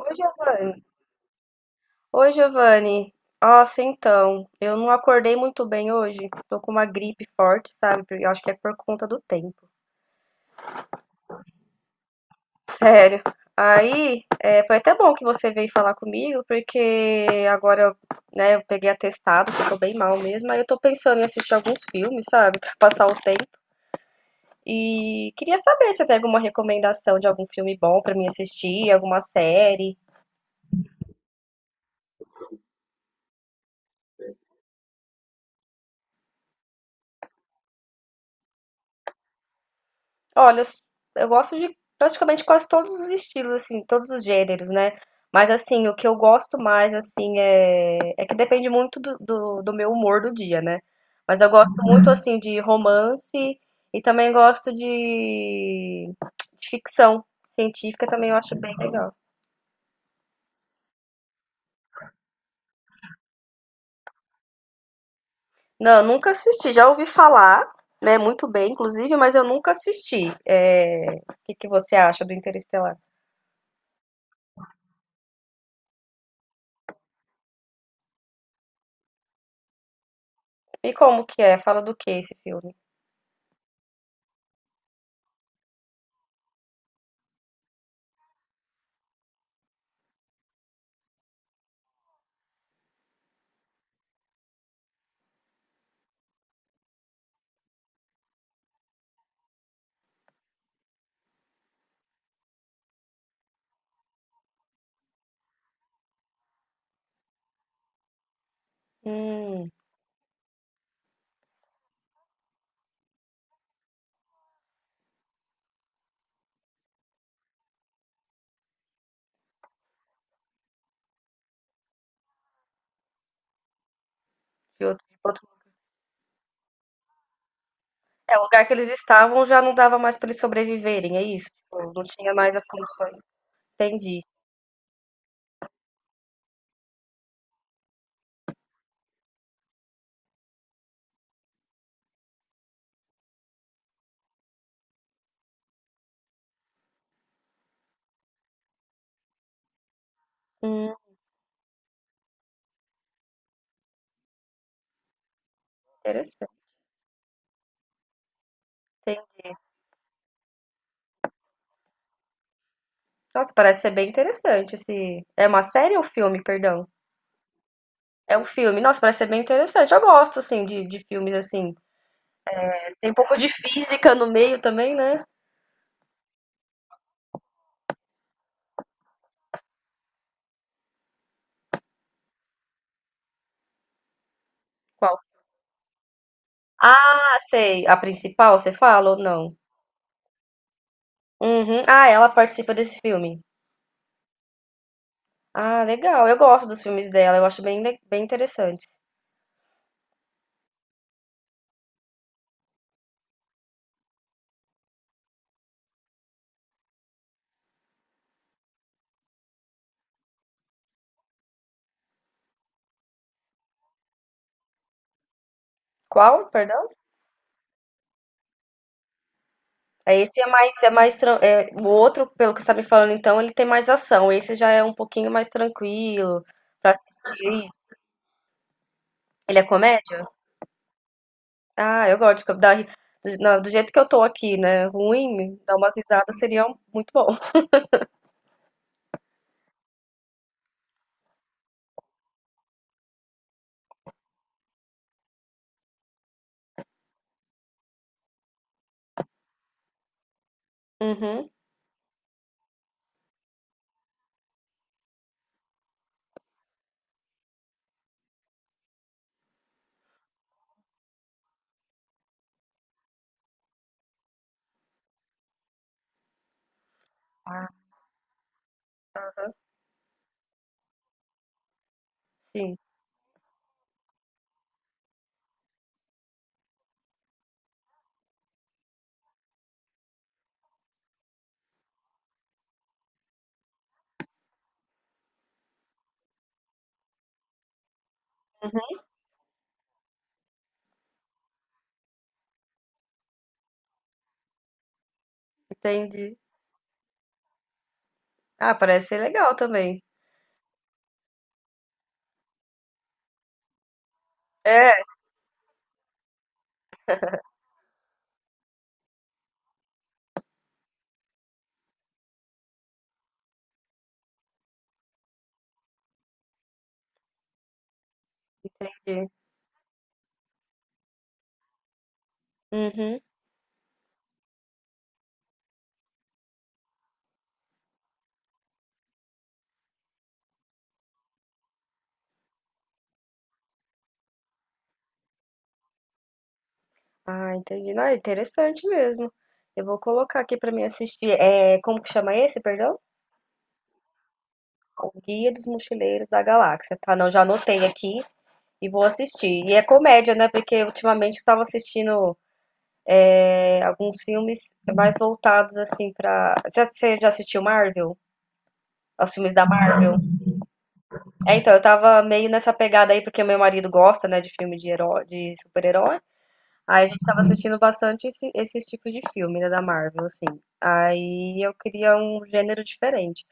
Oi, Giovanni. Oi, Giovanni. Nossa, então, eu não acordei muito bem hoje. Tô com uma gripe forte, sabe? Porque eu acho que é por conta do tempo. Sério. Aí, foi até bom que você veio falar comigo, porque agora, né, eu peguei atestado, que eu tô bem mal mesmo. Aí eu tô pensando em assistir alguns filmes, sabe? Pra passar o tempo. E queria saber se tem alguma recomendação de algum filme bom pra mim assistir, alguma série. Olha, eu gosto de praticamente quase todos os estilos, assim, todos os gêneros, né? Mas, assim, o que eu gosto mais, assim, é que depende muito do meu humor do dia, né? Mas eu gosto muito, uhum, assim, de romance e também gosto de ficção científica, também eu acho bem legal. Não, eu nunca assisti, já ouvi falar, né, muito bem, inclusive, mas eu nunca assisti. É, o que que você acha do Interestelar? E como que é? Fala do que esse filme? Hum. de outro, de outro- É, o lugar que eles estavam já não dava mais pra eles sobreviverem, é isso? Tipo, não tinha mais as condições. Entendi. Hum, interessante. Entendi. Nossa, parece ser bem interessante esse. É uma série ou filme, perdão? É um filme. Nossa, parece ser bem interessante. Eu gosto, assim, de filmes assim. Tem um pouco de física no meio também, né? Qual? Ah, sei. A principal, você fala ou não? Uhum. Ah, ela participa desse filme. Ah, legal. Eu gosto dos filmes dela. Eu acho bem interessante. Qual? Perdão? Aí esse é mais, o outro, pelo que você tá me falando, então, ele tem mais ação. Esse já é um pouquinho mais tranquilo pra assistir. Ele é comédia? Ah, eu gosto de co- dar, ri- do, na- do jeito que eu tô aqui, né? Ruim, dar umas risadas seria muito bom. Uhum, sim, entendi. Ah, parece ser legal também. É, entendi. Uhum. Ah, entendi. Não, é interessante mesmo. Eu vou colocar aqui pra mim assistir. É, como que chama esse, perdão? O Guia dos Mochileiros da Galáxia. Tá, não, já anotei aqui. E vou assistir. E é comédia, né? Porque ultimamente eu tava assistindo alguns filmes mais voltados assim pra. Você já assistiu Marvel? Os filmes da Marvel? É, então, eu tava meio nessa pegada aí, porque meu marido gosta, né, de filme de herói, de super-herói. Aí a gente tava assistindo bastante esses tipos de filme, né, da Marvel, assim. Aí eu queria um gênero diferente.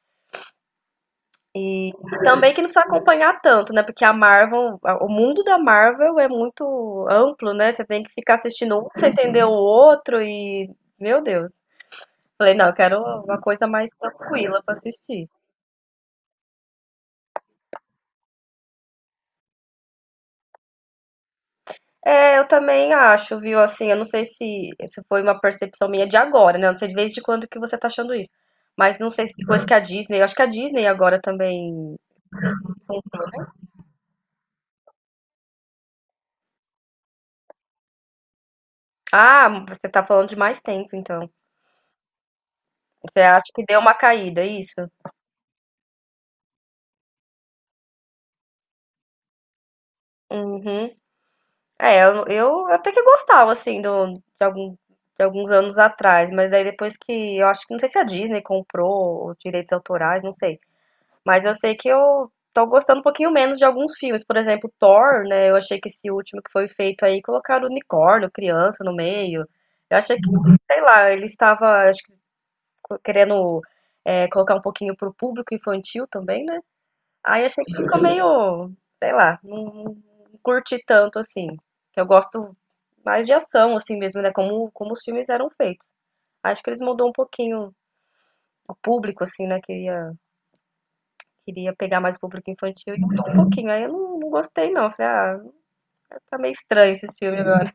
Também que não precisa acompanhar tanto, né? Porque a Marvel, o mundo da Marvel é muito amplo, né? Você tem que ficar assistindo um pra você entender o outro meu Deus. Falei, não, eu quero uma coisa mais tranquila pra assistir. É, eu também acho, viu? Assim, eu não sei se foi uma percepção minha de agora, né? Eu não sei de vez de quando que você tá achando isso. Mas não sei se depois que a Disney, eu acho que a Disney agora também. Ah, você tá falando de mais tempo, então. Você acha que deu uma caída, é isso? Uhum. É, eu até que gostava, assim, de alguns anos atrás, mas daí depois que, eu acho que, não sei se a Disney comprou os direitos autorais, não sei, mas eu sei que eu tô gostando um pouquinho menos de alguns filmes, por exemplo, Thor, né, eu achei que esse último que foi feito aí, colocaram unicórnio, criança no meio, eu achei que, sei lá, ele estava, acho que, querendo, colocar um pouquinho pro público infantil também, né. Aí achei que ficou meio, sei lá, não curti tanto assim. Que eu gosto mais de ação, assim mesmo, né? Como os filmes eram feitos. Acho que eles mudou um pouquinho o público, assim, né? Queria pegar mais o público infantil e mudou um pouquinho. Aí eu não gostei, não. Falei, ah, tá meio estranho esses filmes agora.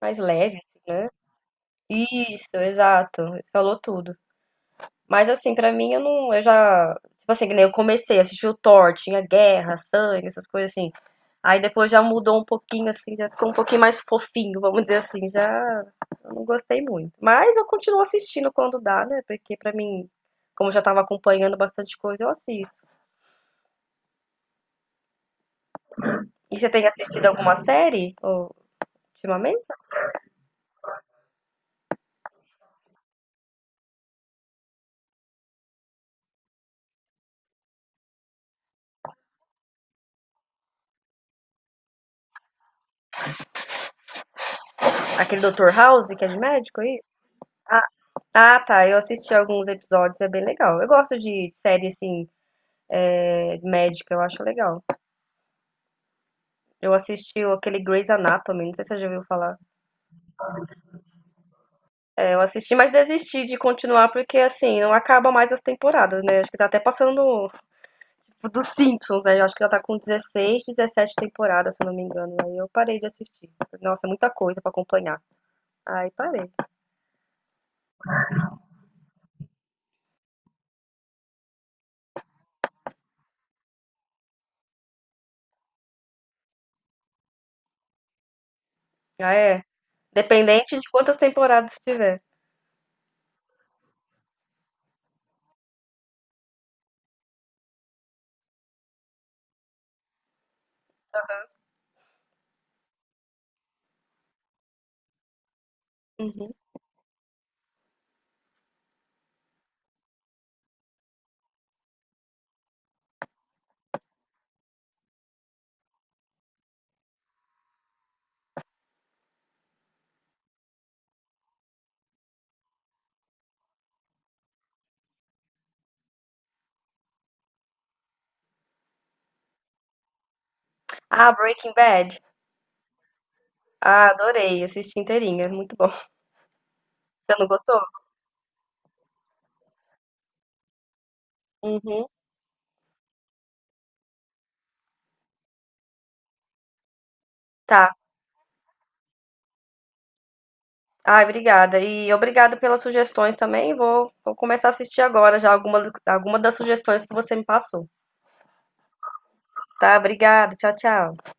Mais leve, assim, né? Isso, exato. Falou tudo. Mas assim, pra mim eu não, eu já, tipo assim, que nem eu comecei a assistir o Thor, tinha guerra, sangue, essas coisas assim. Aí depois já mudou um pouquinho assim, já ficou um pouquinho mais fofinho, vamos dizer assim, já eu não gostei muito. Mas eu continuo assistindo quando dá, né? Porque pra mim, como eu já tava acompanhando bastante coisa, eu assisto. E você tem assistido alguma série ultimamente? Aquele Dr. House, que é de médico, é isso? Ah, ah, tá. Eu assisti alguns episódios, é bem legal. Eu gosto de série assim, é, médica, eu acho legal. Eu assisti aquele Grey's Anatomy, não sei se você já ouviu falar. É, eu assisti, mas desisti de continuar porque, assim, não acaba mais as temporadas, né? Acho que tá até passando tipo, dos Simpsons, né? Eu acho que já tá com 16, 17 temporadas, se eu não me engano. Aí eu parei de assistir. Nossa, é muita coisa pra acompanhar. Aí parei. Ah, é. Dependente de quantas temporadas tiver. Uhum. Ah, Breaking Bad. Ah, adorei. Assisti inteirinha. Muito bom. Você não gostou? Uhum. Tá. Ai, obrigada. E obrigado pelas sugestões também. Vou começar a assistir agora já alguma das sugestões que você me passou. Tá? Obrigada. Tchau, tchau.